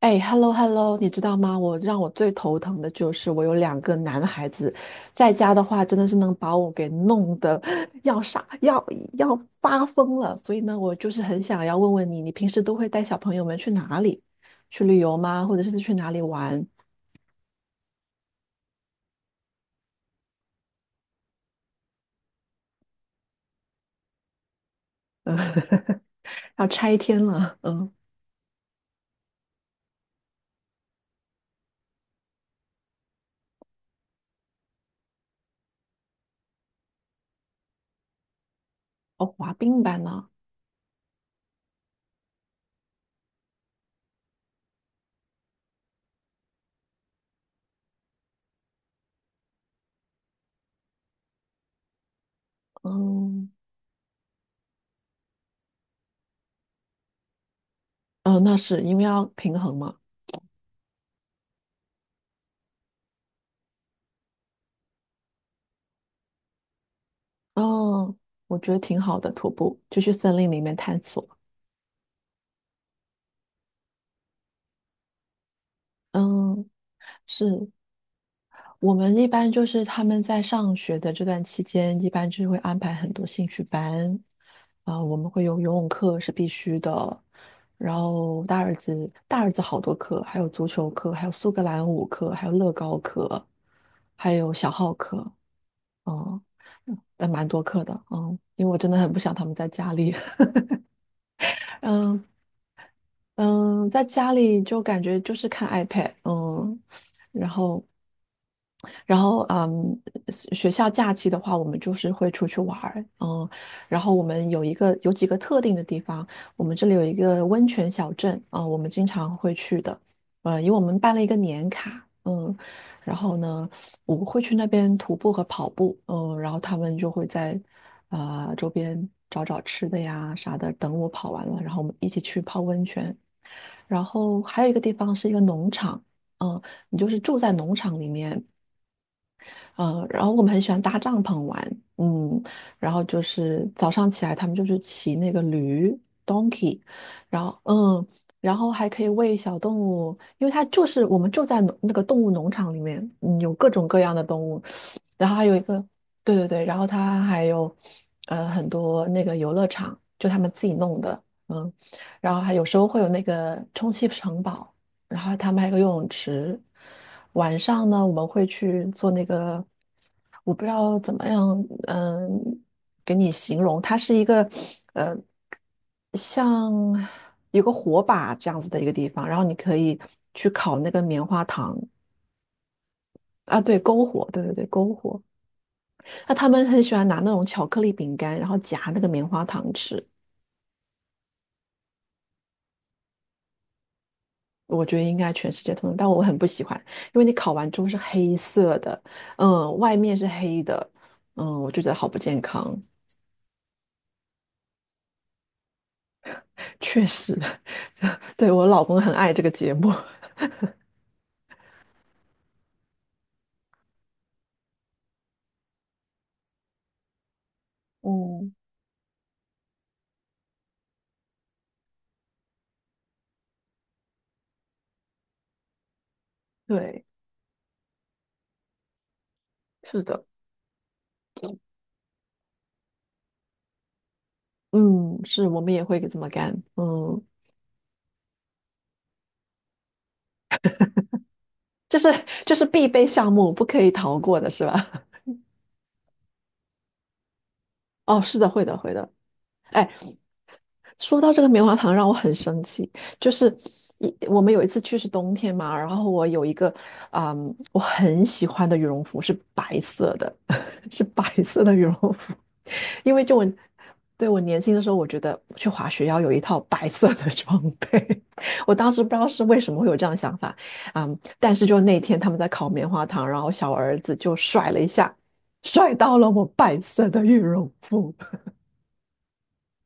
哎，hello hello，你知道吗？让我最头疼的就是我有两个男孩子，在家的话真的是能把我给弄得 要傻要要发疯了。所以呢，我就是很想要问问你，你平时都会带小朋友们去哪里？去旅游吗？或者是去哪里玩？嗯，要拆天了。嗯，哦，滑冰板呢？嗯，哦，那是因为要平衡嘛。哦，我觉得挺好的，徒步就去森林里面探索。嗯，是。我们一般就是他们在上学的这段期间，一般就是会安排很多兴趣班，啊、我们会有游泳课是必须的，然后大儿子好多课，还有足球课，还有苏格兰舞课，还有乐高课，还有小号课，嗯，但蛮多课的，嗯，因为我真的很不想他们在家里，嗯。嗯，在家里就感觉就是看 iPad，嗯，然后，然后，嗯，学校假期的话，我们就是会出去玩儿，嗯，然后我们有几个特定的地方，我们这里有一个温泉小镇，啊、我们经常会去的，因为我们办了一个年卡，嗯，然后呢，我们会去那边徒步和跑步，嗯，然后他们就会在啊、周边找找吃的呀啥的，等我跑完了，然后我们一起去泡温泉。然后还有一个地方是一个农场，嗯，你就是住在农场里面，然后我们很喜欢搭帐篷玩，嗯，然后就是早上起来他们就是骑那个驴 donkey，然后嗯，然后还可以喂小动物，因为它就是我们就在那个动物农场里面，嗯，有各种各样的动物，然后还有一个，对对对，然后它还有很多那个游乐场，就他们自己弄的，嗯，然后还有时候会有那个充气 城堡。然后他们还有个游泳池。晚上呢，我们会去做那个，我不知道怎么样，嗯，给你形容，它是一个，呃，像有个火把这样子的一个地方，然后你可以去烤那个棉花糖啊，对，篝火，对对对，篝火。那他们很喜欢拿那种巧克力饼干，然后夹那个棉花糖吃。我觉得应该全世界通用，但我很不喜欢，因为你烤完之后是黑色的，嗯，外面是黑的，嗯，我就觉得好不健康。确实，对，我老公很爱这个节目，嗯，对，是的，嗯，是我们也会这么干，嗯，就是就是必备项目，不可以逃过的是吧？哦，是的，会的，会的。哎。说到这个棉花糖，让我很生气。就是我们有一次去是冬天嘛，然后我有一个，我很喜欢的羽绒服是白色的，是白色的羽绒服，因为对，我年轻的时候，我觉得去滑雪要有一套白色的装备。我当时不知道是为什么会有这样的想法，嗯，但是就那天他们在烤棉花糖，然后小儿子就甩了一下，甩到了我白色的羽绒服，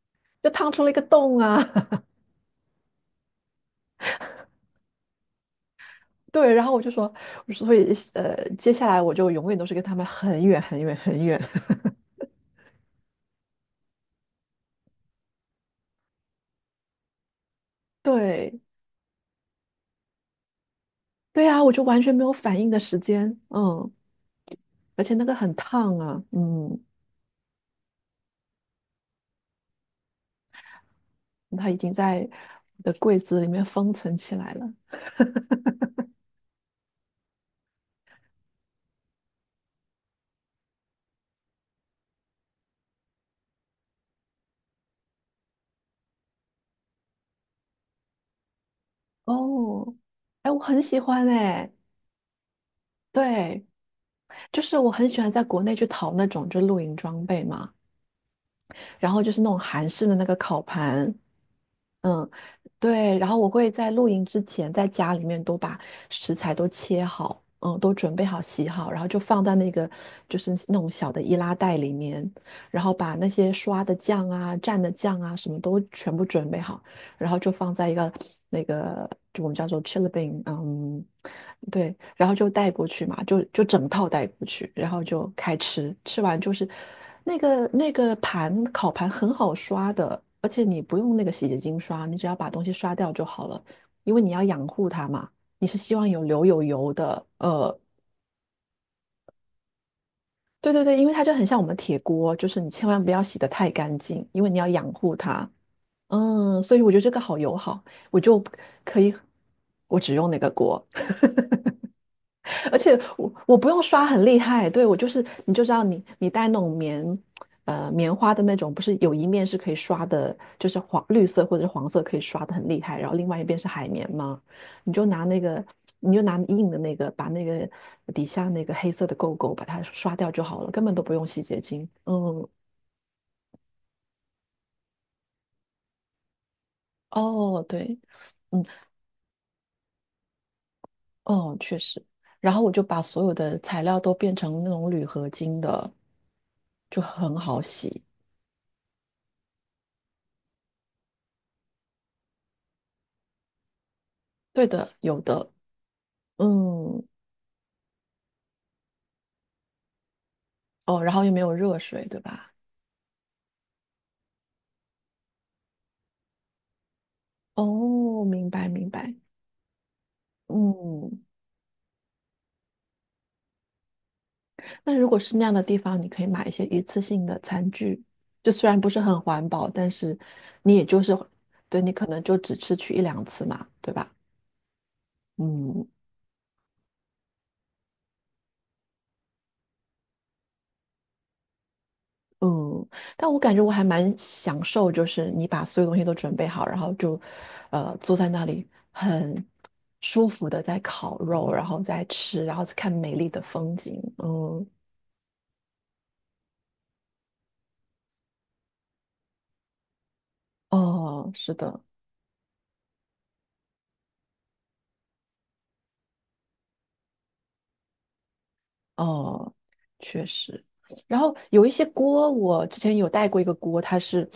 就烫出了一个洞啊。对，然后我就说，所以接下来我就永远都是跟他们很远很远很远。对，对啊，我就完全没有反应的时间，嗯，而且那个很烫啊，嗯，它已经在我的柜子里面封存起来了。哦，哎，我很喜欢哎，对，就是我很喜欢在国内去淘那种就露营装备嘛，然后就是那种韩式的那个烤盘，嗯，对，然后我会在露营之前在家里面都把食材都切好，嗯，都准备好洗好，然后就放在那个就是那种小的易拉袋里面，然后把那些刷的酱啊、蘸的酱啊什么都全部准备好，然后就放在一个那个就我们叫做 chili bean，嗯，对，然后就带过去嘛，就整套带过去，然后就开吃，吃完就是那个烤盘很好刷的，而且你不用那个洗洁精刷，你只要把东西刷掉就好了，因为你要养护它嘛，你是希望有留有油的。对对对，因为它就很像我们铁锅，就是你千万不要洗得太干净，因为你要养护它。嗯，所以我觉得这个好友好，我就可以，我只用那个锅，而且我不用刷很厉害，对，我就是你就知道你带那种棉花的那种，不是有一面是可以刷的，就是黄绿色或者是黄色可以刷的很厉害，然后另外一边是海绵嘛，你就拿那个你就拿硬的那个，把那个底下那个黑色的垢垢把它刷掉就好了，根本都不用洗洁精。嗯，哦，对。嗯。哦，确实。然后我就把所有的材料都变成那种铝合金的，就很好洗。对的，有的。嗯，哦，然后又没有热水，对吧？哦，明白明白。嗯，那如果是那样的地方，你可以买一些一次性的餐具，就虽然不是很环保，但是你也就是，对，你可能就只吃去一两次嘛，对吧？嗯，嗯，但我感觉我还蛮享受，就是你把所有东西都准备好，然后就，坐在那里很舒服的在烤肉，然后再吃，然后再看美丽的风景。嗯，哦，是的，哦，确实。然后有一些锅，我之前有带过一个锅，它是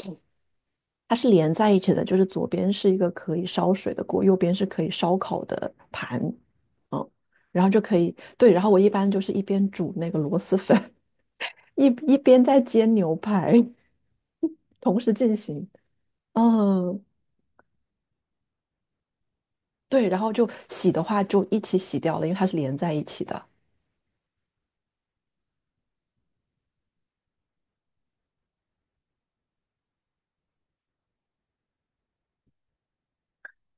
它是连在一起的，就是左边是一个可以烧水的锅，右边是可以烧烤的盘，然后就可以，对，然后我一般就是一边煮那个螺蛳粉。一一边在煎牛排，同时进行。嗯，对，然后就洗的话就一起洗掉了，因为它是连在一起的。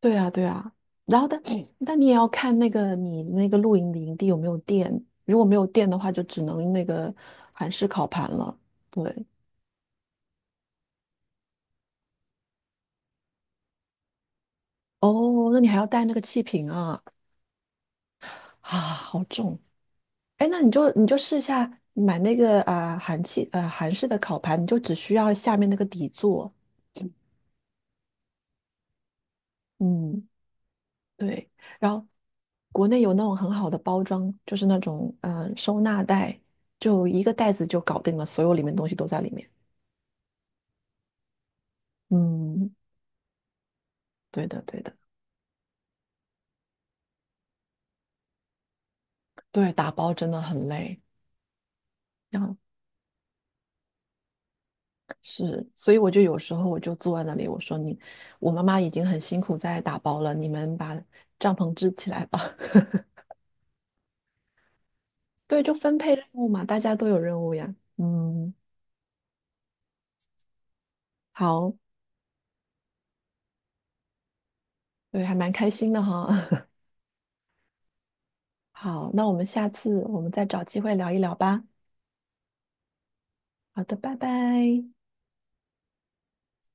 对啊，对啊。然后但你也要看那个你那个露营的营地有没有电，如果没有电的话，就只能那个韩式烤盘了。对，哦，那你还要带那个气瓶啊，啊，好重。哎，那你就试一下买那个韩式的烤盘，你就只需要下面那个底座。嗯。对，然后国内有那种很好的包装，就是那种收纳袋，就一个袋子就搞定了，所有里面东西都在里面。嗯，对的，对的，对，打包真的很累。然后是，所以有时候我就坐在那里，我说你，我妈妈已经很辛苦在打包了，你们把帐篷支起来吧。对，就分配任务嘛，大家都有任务呀。嗯，好，对，还蛮开心的哈。好，那我们下次再找机会聊一聊吧。好的，拜拜。